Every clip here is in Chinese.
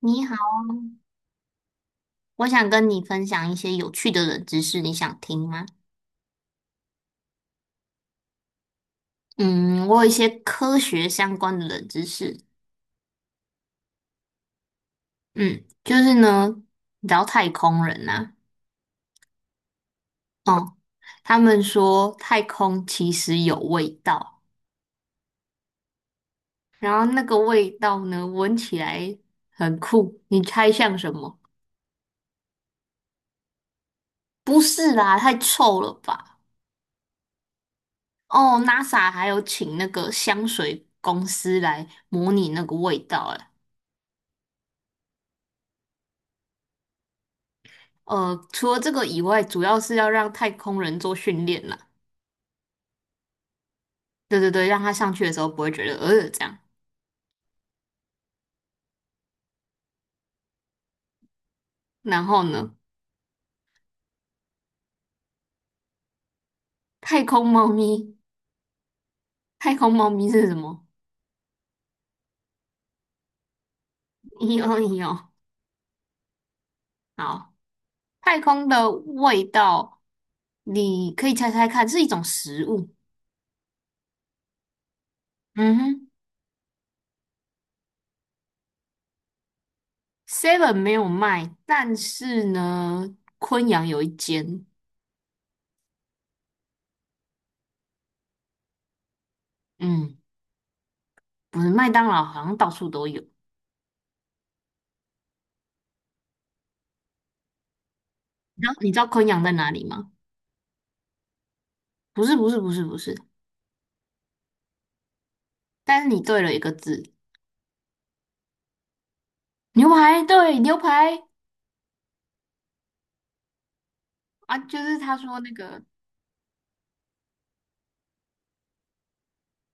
你好，我想跟你分享一些有趣的冷知识，你想听吗？嗯，我有一些科学相关的冷知识。嗯，就是呢，你知道太空人呐、啊，嗯，他们说太空其实有味道，然后那个味道呢，闻起来很酷，你猜像什么？不是啦，太臭了吧？哦，NASA 还有请那个香水公司来模拟那个味道，除了这个以外，主要是要让太空人做训练啦。对对对，让他上去的时候不会觉得这样。然后呢，太空猫咪，太空猫咪是什么？咦哦咦哦，好，太空的味道，你可以猜猜看，是一种食物。嗯哼，Seven 没有卖，但是呢，昆阳有一间，嗯，不是麦当劳，好像到处都有。然后你知道昆阳在哪里吗？不是，不是，不是，不是。但是你对了一个字，牛排，对，牛排啊，就是他说那个，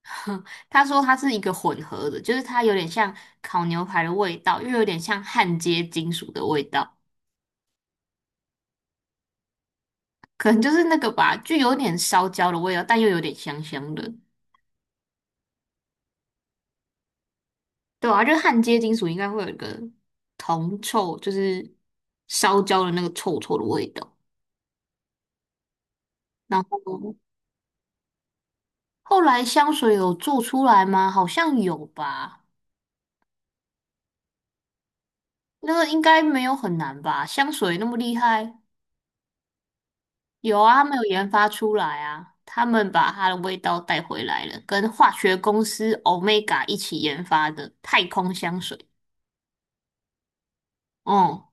他说它是一个混合的，就是它有点像烤牛排的味道，又有点像焊接金属的味道，可能就是那个吧，就有点烧焦的味道，但又有点香香的。对啊，就是焊接金属应该会有一个铜臭，就是烧焦的那个臭臭的味道。然后后来香水有做出来吗？好像有吧，那个应该没有很难吧？香水那么厉害。有啊，他们有研发出来啊，他们把它的味道带回来了，跟化学公司 Omega 一起研发的太空香水。哦、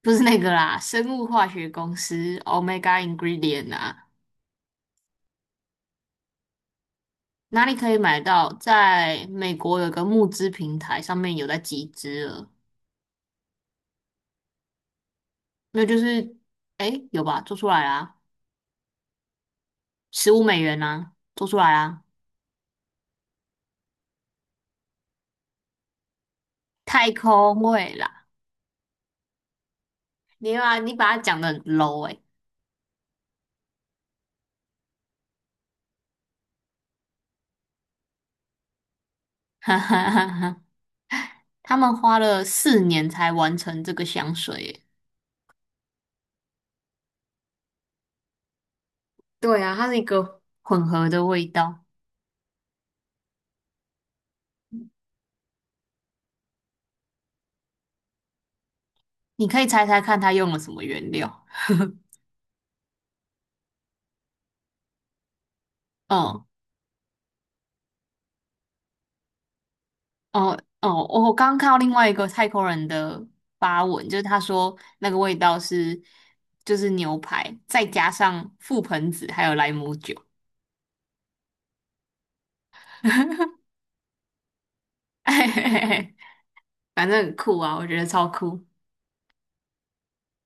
不是那个啦，生物化学公司 Omega Ingredient 啊，哪里可以买到？在美国有个募资平台上面有在集资了，那就是，诶，有吧？做出来啦，15美元啊，做出来啊，太空味啦，你把它讲的很 low 诶、哈哈哈哈。他们花了4年才完成这个香水耶，对啊，它是一个混合的味道。你可以猜猜看，它用了什么原料？嗯，哦哦，我刚刚看到另外一个泰国人的发文，就是他说那个味道是就是牛排，再加上覆盆子还有莱姆酒，反正很酷啊，我觉得超酷。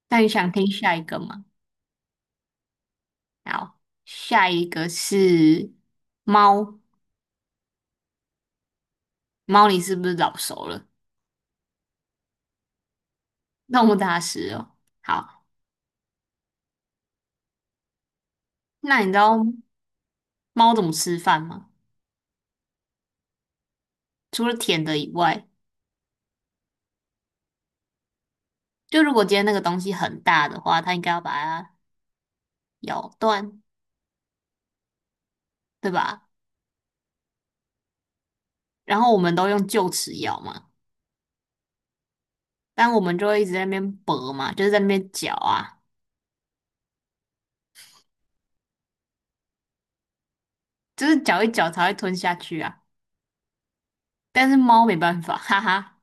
那你想听下一个吗？好，下一个是猫，猫你是不是老熟了？动物大师哦。好，那你知道猫怎么吃饭吗？除了舔的以外，就如果今天那个东西很大的话，它应该要把它咬断，对吧？然后我们都用臼齿咬嘛，但我们就会一直在那边搏嘛，就是在那边嚼啊，就是嚼一嚼才会吞下去啊。但是猫没办法，哈哈，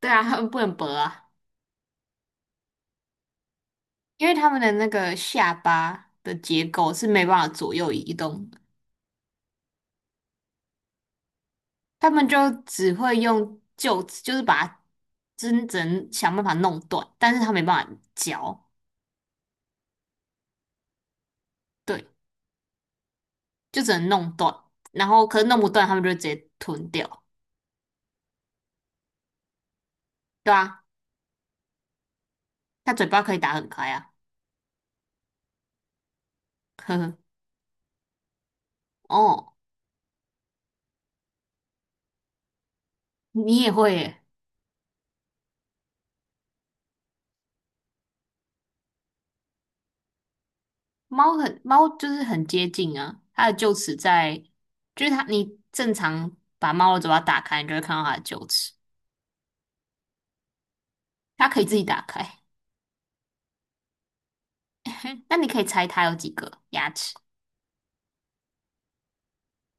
对啊，它们不能搏啊，因为它们的那个下巴的结构是没办法左右移动的。他们就只会用臼齿，就是把它真正想办法弄断，但是他没办法嚼，对，就只能弄断。然后可是弄不断，他们就直接吞掉，对啊，它嘴巴可以打很开啊，呵呵。哦，你也会耶？猫很猫就是很接近啊，它的臼齿在，就是它你正常把猫的嘴巴打开，你就会看到它的臼齿，它可以自己打开。那你可以猜它有几个牙齿？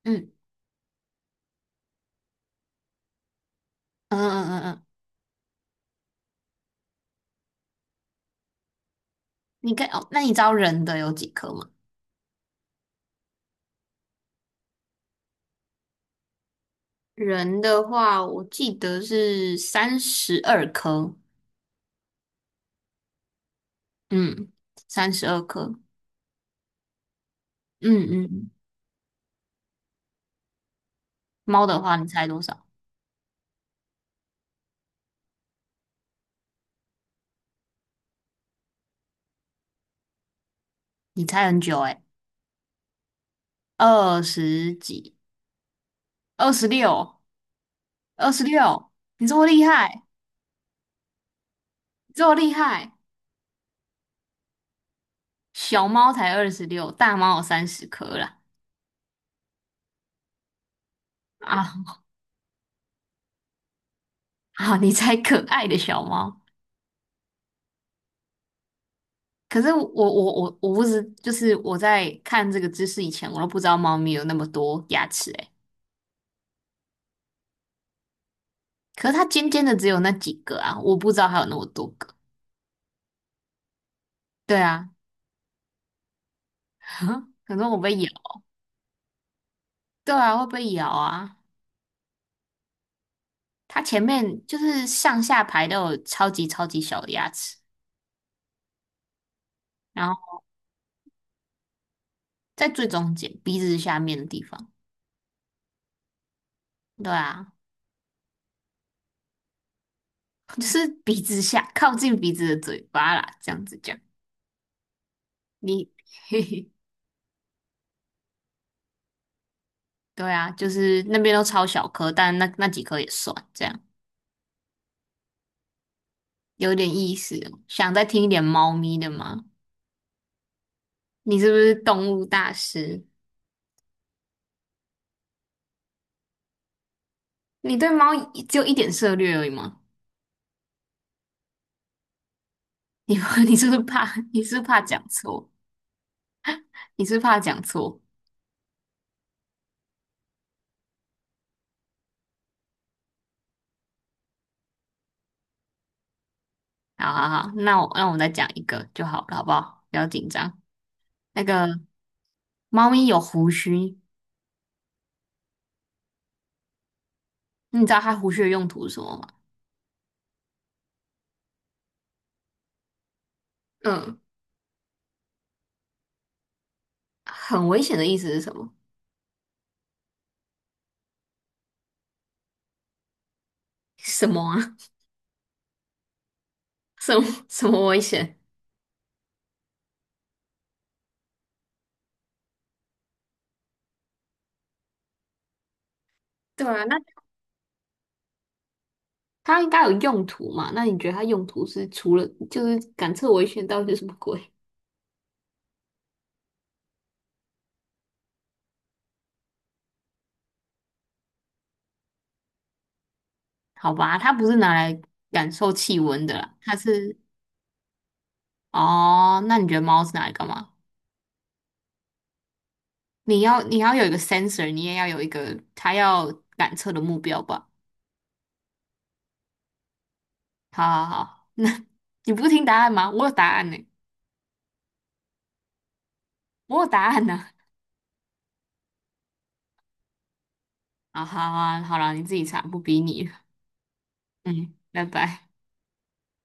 嗯嗯嗯嗯嗯。你跟哦，那你知道人的有几颗吗？人的话，我记得是三十二颗，嗯，三十二颗。嗯嗯，猫的话，你猜多少？你猜很久诶、二十几，二十六，二十六，你这么厉害，你这么厉害，小猫才二十六，大猫有30颗啦。啊啊，你猜可爱的小猫。可是我不知，就是我在看这个知识以前，我都不知道猫咪有那么多牙齿欸可是它尖尖的只有那几个啊，我不知道还有那么多个。对啊，可能我被咬。对啊，会被咬啊。它前面就是上下排都有超级超级小的牙齿，然后在最中间鼻子下面的地方。对啊，就是鼻子下靠近鼻子的嘴巴啦，这样子讲。你，嘿嘿，对啊，就是那边都超小颗，但那几颗也算，这样有点意思哦想再听一点猫咪的吗？你是不是动物大师？你对猫一只有一点涉略而已吗？你 你是不是怕讲错？你是不是怕讲错？好好好，那我再讲一个就好了，好不好？不要紧张。那个猫咪有胡须，你知道它胡须的用途是什么吗？嗯，很危险的意思是什么？什么啊？什么什么危险？对啊，那它应该有用途嘛？那你觉得它用途是除了就是感测危险，到底是什么鬼？好吧，它不是拿来感受气温的啦，它是哦，那你觉得猫是拿来干嘛？你要有一个 sensor，你也要有一个它要感测的目标吧？好好好，那你不是听答案吗？我有答案呢、我有答案呢、啊，好好啊，好了，你自己查，不逼你了嗯，拜拜。